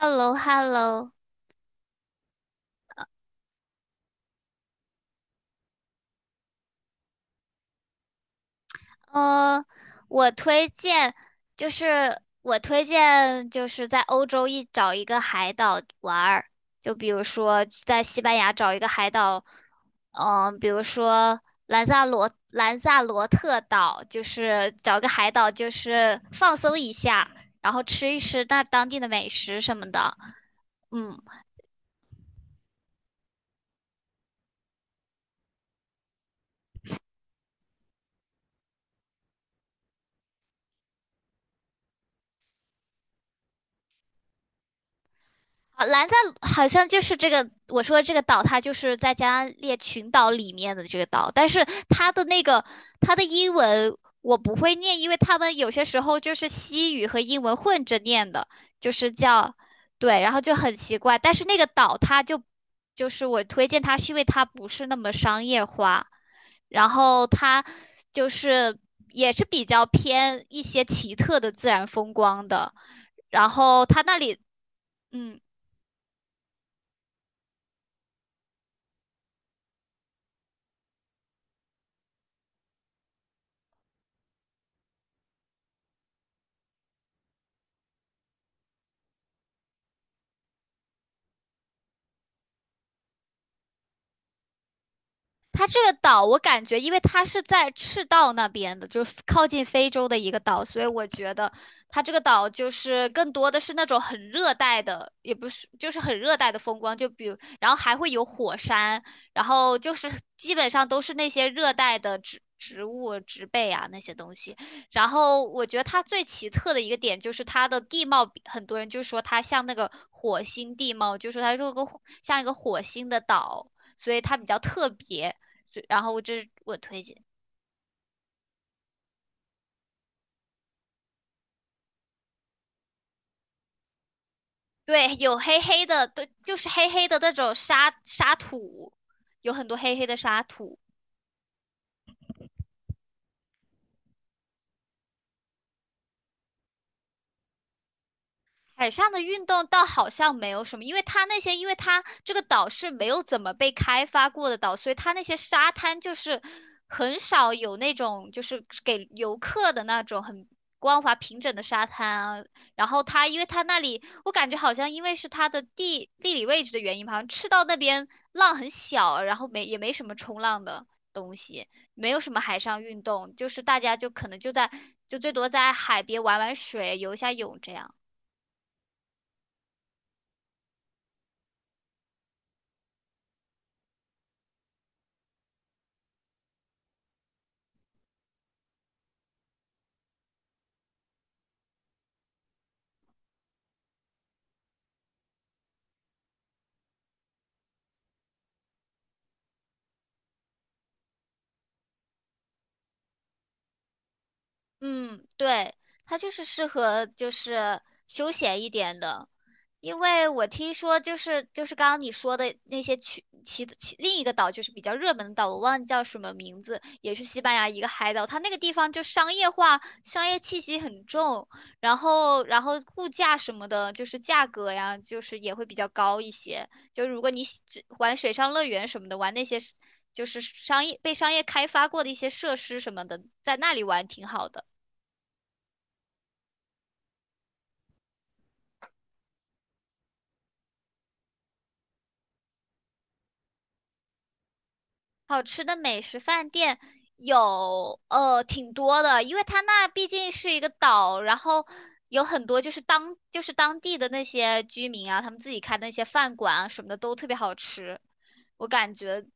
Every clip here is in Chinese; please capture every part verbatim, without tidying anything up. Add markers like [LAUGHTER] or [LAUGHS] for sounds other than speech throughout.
h e l l o h e l l o 呃，我推荐就是我推荐就是在欧洲一找一个海岛玩儿，就比如说在西班牙找一个海岛。嗯、比如说兰萨罗兰萨罗特岛，就是找个海岛就是放松一下，然后吃一吃那当地的美食什么的，嗯。啊，兰赞好像就是这个，我说这个岛，它就是在加列群岛里面的这个岛，但是它的那个它的英文我不会念，因为他们有些时候就是西语和英文混着念的，就是叫。对，然后就很奇怪。但是那个岛它就就是我推荐它，是因为它不是那么商业化，然后它就是也是比较偏一些奇特的自然风光的，然后它那里。嗯，它这个岛，我感觉，因为它是在赤道那边的，就是靠近非洲的一个岛，所以我觉得它这个岛就是更多的是那种很热带的，也不是，就是很热带的风光，就比如，然后还会有火山，然后就是基本上都是那些热带的植植物、植被啊那些东西。然后我觉得它最奇特的一个点就是它的地貌比，很多人就说它像那个火星地貌，就说它是个像一个火星的岛。所以它比较特别，就然后这是我推荐。对，有黑黑的，对，就是黑黑的那种沙沙土，有很多黑黑的沙土。海上的运动倒好像没有什么，因为它那些，因为它这个岛是没有怎么被开发过的岛，所以它那些沙滩就是很少有那种就是给游客的那种很光滑平整的沙滩啊。然后它，因为它那里，我感觉好像因为是它的地地理位置的原因吧，好像赤道那边浪很小，然后没也没什么冲浪的东西，没有什么海上运动，就是大家就可能就在就最多在海边玩玩水、游一下泳这样。嗯，对，它就是适合就是休闲一点的，因为我听说就是就是刚刚你说的那些去其其另一个岛就是比较热门的岛，我忘记叫什么名字，也是西班牙一个海岛，它那个地方就商业化，商业气息很重，然后然后物价什么的，就是价格呀，就是也会比较高一些。就如果你喜只玩水上乐园什么的，玩那些是就是商业被商业开发过的一些设施什么的，在那里玩挺好的。好吃的美食饭店有呃挺多的，因为它那毕竟是一个岛，然后有很多就是当就是当地的那些居民啊，他们自己开的那些饭馆啊什么的都特别好吃，我感觉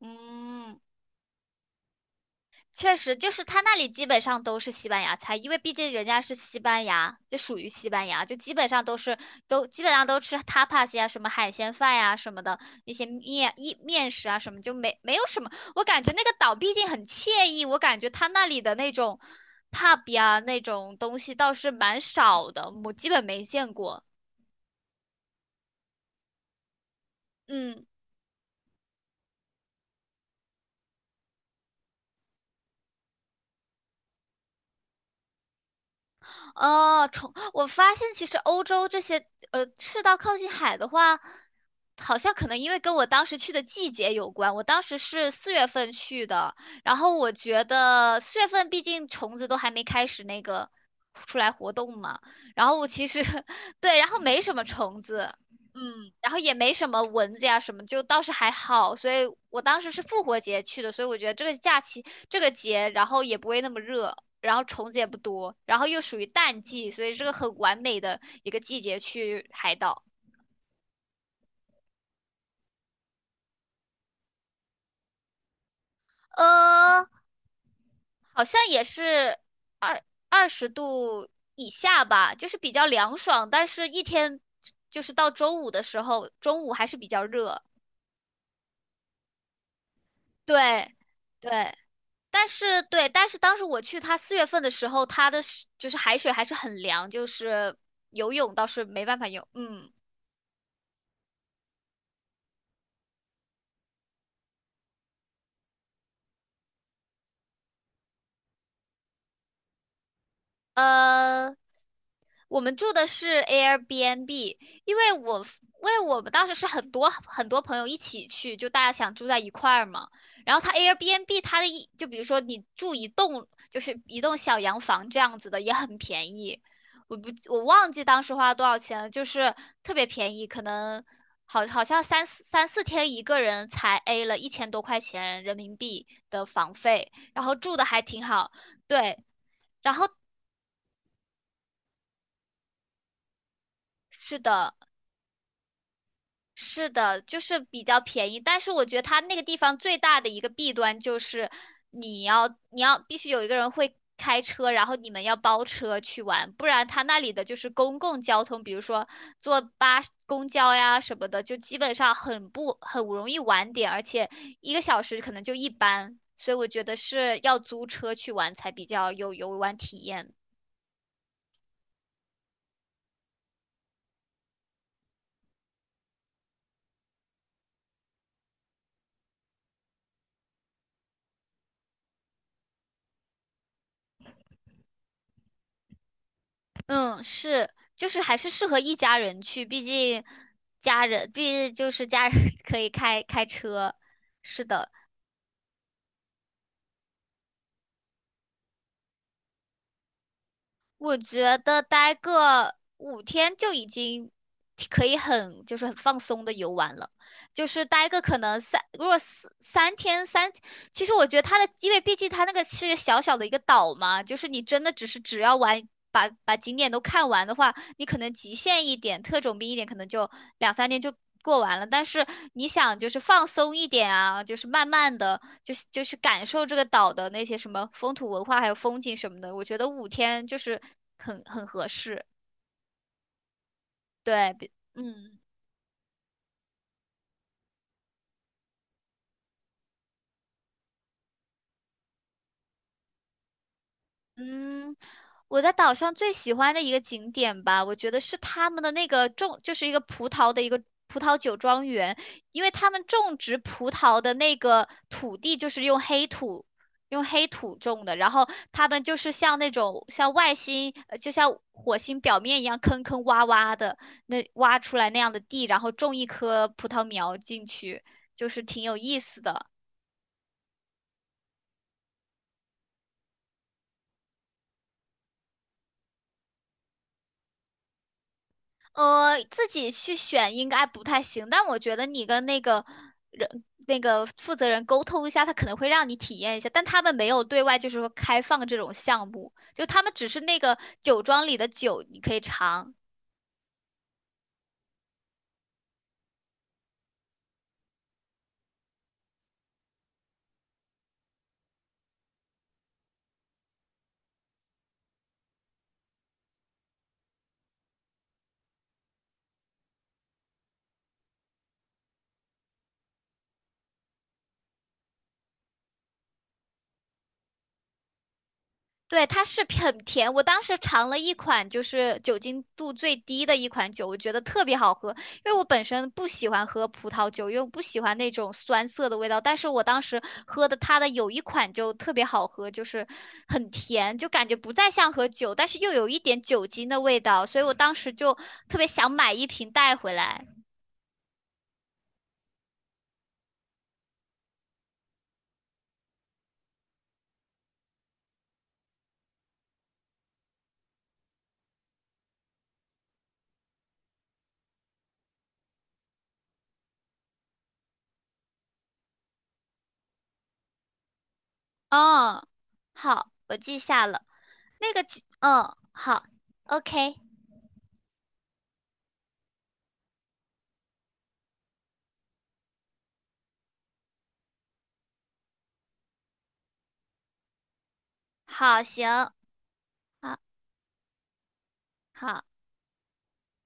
嗯。确实，就是他那里基本上都是西班牙菜，因为毕竟人家是西班牙，就属于西班牙，就基本上都是都基本上都吃 tapas 呀，什么海鲜饭呀什么的，一些面一面食啊什么，就没没有什么。我感觉那个岛毕竟很惬意，我感觉他那里的那种 pub 呀那种东西倒是蛮少的，我基本没见过。嗯。哦，虫，我发现其实欧洲这些呃赤道靠近海的话，好像可能因为跟我当时去的季节有关。我当时是四月份去的，然后我觉得四月份毕竟虫子都还没开始那个出来活动嘛，然后我其实 [LAUGHS] 对，然后没什么虫子，嗯，然后也没什么蚊子呀什么，就倒是还好。所以我当时是复活节去的，所以我觉得这个假期这个节，然后也不会那么热。然后虫子也不多，然后又属于淡季，所以是个很完美的一个季节去海岛。呃，好像也是二十度以下吧，就是比较凉爽，但是一天就是到周五的时候，中午还是比较热。对，对，但是对，但是当时我去它四月份的时候，它的是就是海水还是很凉，就是游泳倒是没办法游，嗯。呃，我们住的是 Airbnb,因为我 f- 因为我们当时是很多很多朋友一起去，就大家想住在一块儿嘛。然后它 Airbnb 它的一就比如说你住一栋就是一栋小洋房这样子的也很便宜，我不我忘记当时花了多少钱了，就是特别便宜，可能好好像三四三四天一个人才 A 了一千多块钱人民币的房费，然后住的还挺好，对，然后是的。是的，就是比较便宜，但是我觉得它那个地方最大的一个弊端就是你要你要必须有一个人会开车，然后你们要包车去玩，不然它那里的就是公共交通，比如说坐八公交呀什么的，就基本上很不很容易晚点，而且一个小时可能就一班，所以我觉得是要租车去玩才比较有游玩体验的。嗯，是，就是还是适合一家人去，毕竟家人，毕竟就是家人 [LAUGHS] 可以开开车。是的，我觉得待个五天就已经可以很就是很放松的游玩了，就是待个可能三，如果四三天三，其实我觉得它的，因为毕竟它那个是小小的一个岛嘛，就是你真的只是只要玩把把景点都看完的话，你可能极限一点，特种兵一点，可能就两三天就过完了。但是你想，就是放松一点啊，就是慢慢的，就是就是感受这个岛的那些什么风土文化，还有风景什么的。我觉得五天就是很很合适。对，比嗯。嗯，我在岛上最喜欢的一个景点吧，我觉得是他们的那个种，就是一个葡萄的一个葡萄酒庄园，因为他们种植葡萄的那个土地就是用黑土，用黑土种的，然后他们就是像那种像外星，呃就像火星表面一样坑坑洼洼的那挖出来那样的地，然后种一棵葡萄苗进去，就是挺有意思的。呃，自己去选应该不太行，但我觉得你跟那个人、那个负责人沟通一下，他可能会让你体验一下，但他们没有对外就是说开放这种项目，就他们只是那个酒庄里的酒你可以尝。对，它是很甜。我当时尝了一款，就是酒精度最低的一款酒，我觉得特别好喝。因为我本身不喜欢喝葡萄酒，因为我不喜欢那种酸涩的味道。但是我当时喝的它的有一款就特别好喝，就是很甜，就感觉不再像喝酒，但是又有一点酒精的味道。所以我当时就特别想买一瓶带回来。嗯，好，我记下了。那个酒，嗯，好，OK,好，行，好，好。